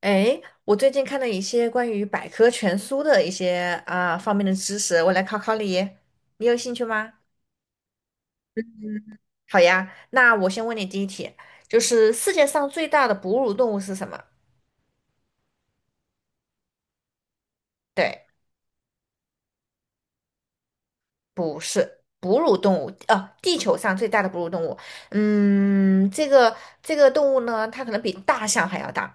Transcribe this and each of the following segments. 哎，我最近看了一些关于百科全书的一些方面的知识，我来考考你，你有兴趣吗？好呀，那我先问你第一题，就是世界上最大的哺乳动物是什么？对，哺乳动物，哦，地球上最大的哺乳动物，嗯，这个动物呢，它可能比大象还要大，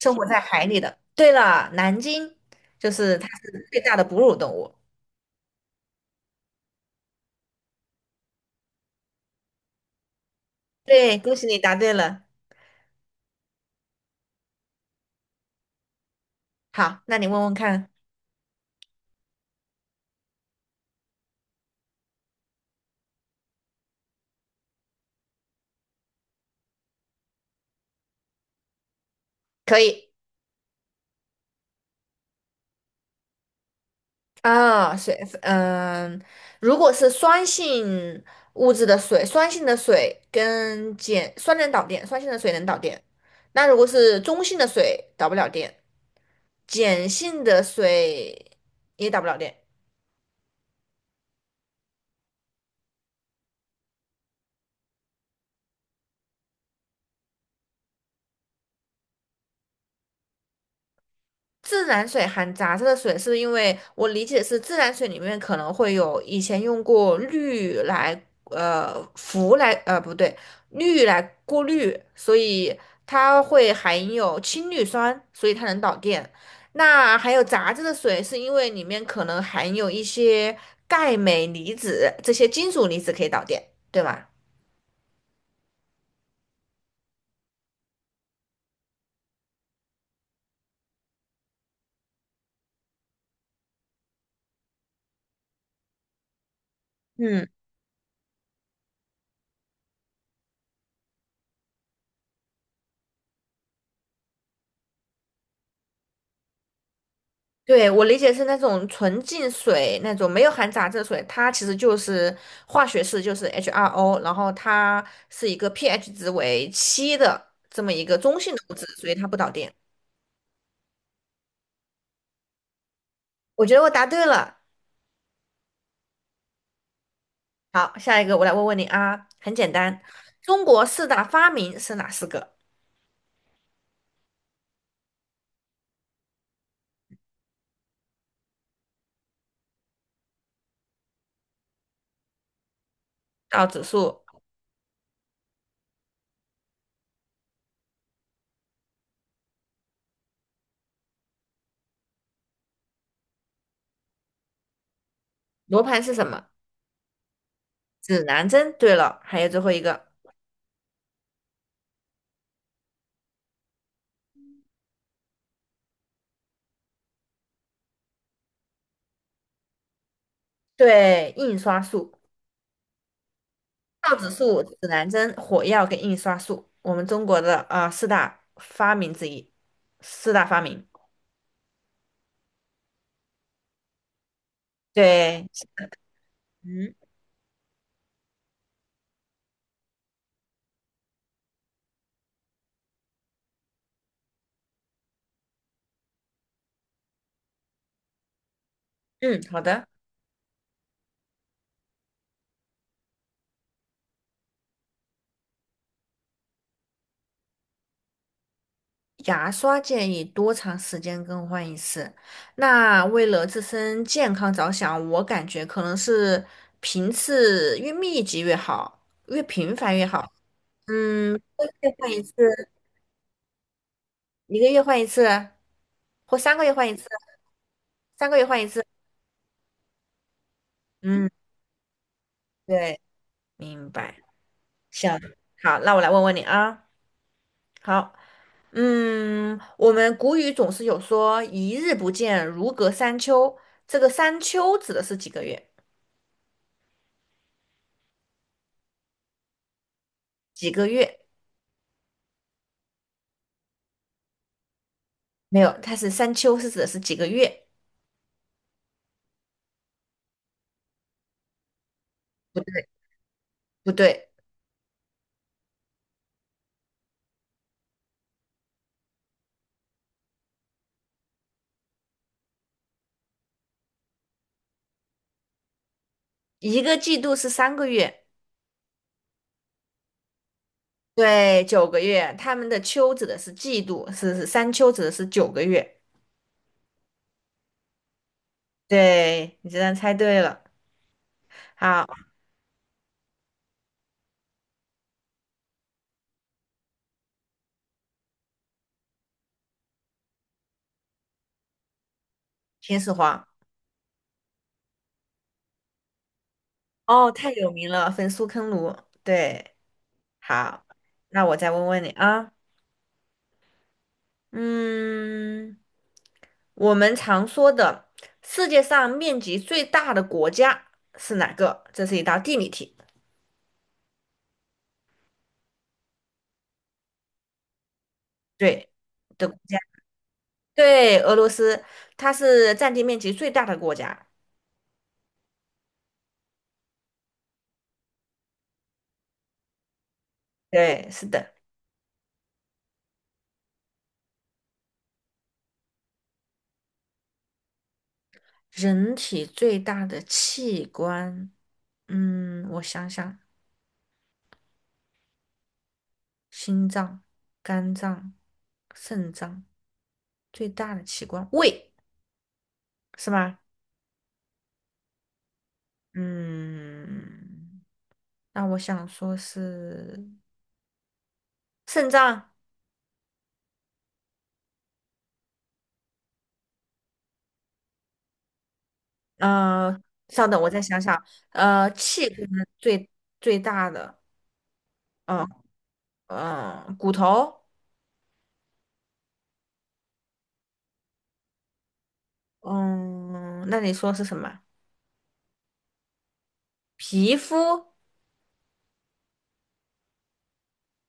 生活在海里的。对了，南鲸就是它是最大的哺乳动物。对，恭喜你答对了。好，那你问问看，可以。啊，水，嗯，如果是酸性物质的水，酸性的水跟碱，酸能导电，酸性的水能导电。那如果是中性的水，导不了电，碱性的水也导不了电。自然水含杂质的水，是因为我理解是自然水里面可能会有以前用过氯来呃氟来呃不对氯来过滤，所以它会含有氢氯酸，所以它能导电。那还有杂质的水，是因为里面可能含有一些钙镁离子，这些金属离子可以导电，对吧？嗯，对，我理解是那种纯净水，那种没有含杂质的水，它其实就是化学式，就是 H2O，然后它是一个 pH 值为七的这么一个中性的物质，所以它不导电。我觉得我答对了。好，下一个我来问问你啊，很简单，中国四大发明是哪四个？倒指数、罗盘是什么？指南针。对了，还有最后一个，对，印刷术。造纸术、指南针、火药跟印刷术，我们中国的啊四大发明之一，四大发明。对，嗯嗯，好的。牙刷建议多长时间更换一次？那为了自身健康着想，我感觉可能是频次越密集越好，越频繁越好。嗯，一个月换一次，一个月换一次，或三个月换一次，三个月换一次。嗯，对，明白。行，好，那我来问问你啊。好，嗯，我们古语总是有说"一日不见，如隔三秋"，这个"三秋"指的是几个月？几个月？没有，它是"三秋"是指的是几个月？不对，不对，一个季度是三个月，对，九个月。他们的"秋"指的是季度，是“三秋"指的是九个月。对，你竟然猜对了。好，秦始皇，哦，太有名了，焚书坑儒。对，好，那我再问问你啊。嗯，我们常说的世界上面积最大的国家是哪个？这是一道地理题。对，的国家，对，俄罗斯，它是占地面积最大的国家。对，是的。人体最大的器官，嗯，我想想，心脏、肝脏、肾脏，最大的器官，胃，是吗？嗯，那我想说是。肾脏，呃，稍等，我再想想，器官最最大的，嗯、嗯、骨头，嗯，那你说是什么？皮肤？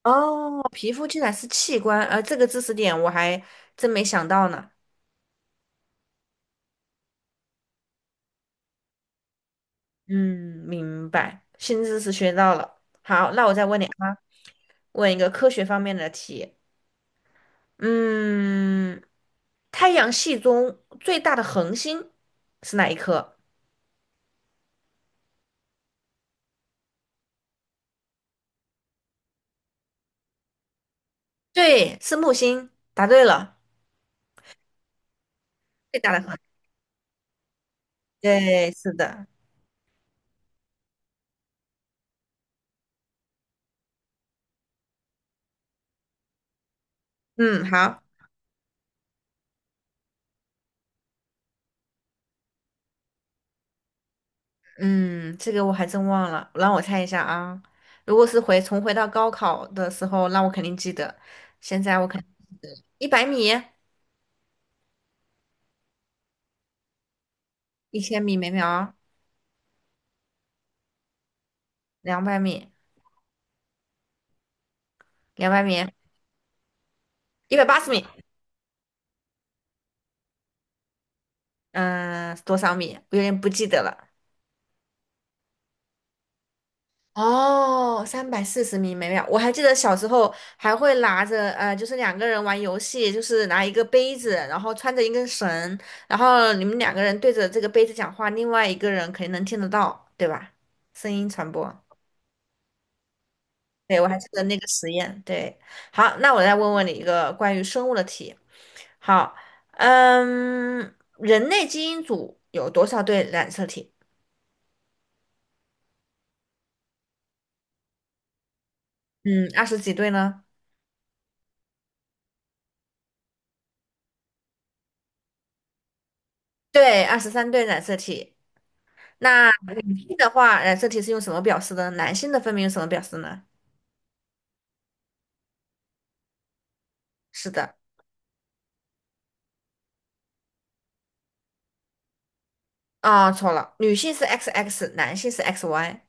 哦，皮肤竟然是器官，这个知识点我还真没想到呢。嗯，明白，新知识学到了。好，那我再问你啊，问一个科学方面的题。嗯，太阳系中最大的恒星是哪一颗？对，是木星，答对了，最大的河。对，是的，嗯，好，嗯，这个我还真忘了，让我猜一下啊。如果是重回到高考的时候，那我肯定记得。现在我100米、1000米每秒、两百米、两百米、180米，嗯、多少米？我有点不记得了。哦，340米每秒，我还记得小时候还会拿着，就是两个人玩游戏，就是拿一个杯子，然后穿着一根绳，然后你们两个人对着这个杯子讲话，另外一个人肯定能听得到，对吧？声音传播，对，我还记得那个实验。对，好，那我再问问你一个关于生物的题。好，嗯，人类基因组有多少对染色体？嗯，二十几对呢？对，23对染色体。那女性的话，染色体是用什么表示的呢？男性的分别用什么表示呢？是的，啊、错了，女性是 XX，男性是 XY。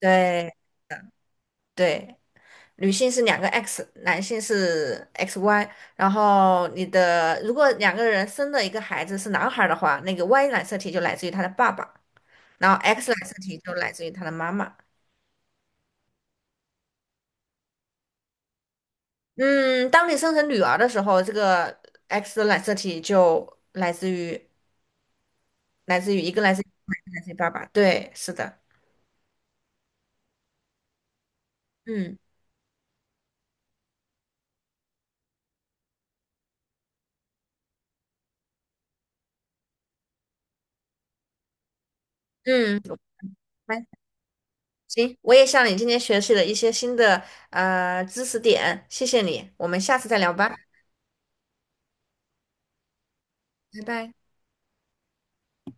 对对，女性是两个 X，男性是 XY。然后你的如果两个人生的一个孩子是男孩儿的话，那个 Y 染色体就来自于他的爸爸，然后 X 染色体就来自于他的妈妈。嗯，当你生成女儿的时候，这个 X 的染色体就来自于来自于一个来自于来自于爸爸，对，是的，嗯嗯，我明白行，我也向你今天学习了一些新的知识点，谢谢你，我们下次再聊吧，拜拜。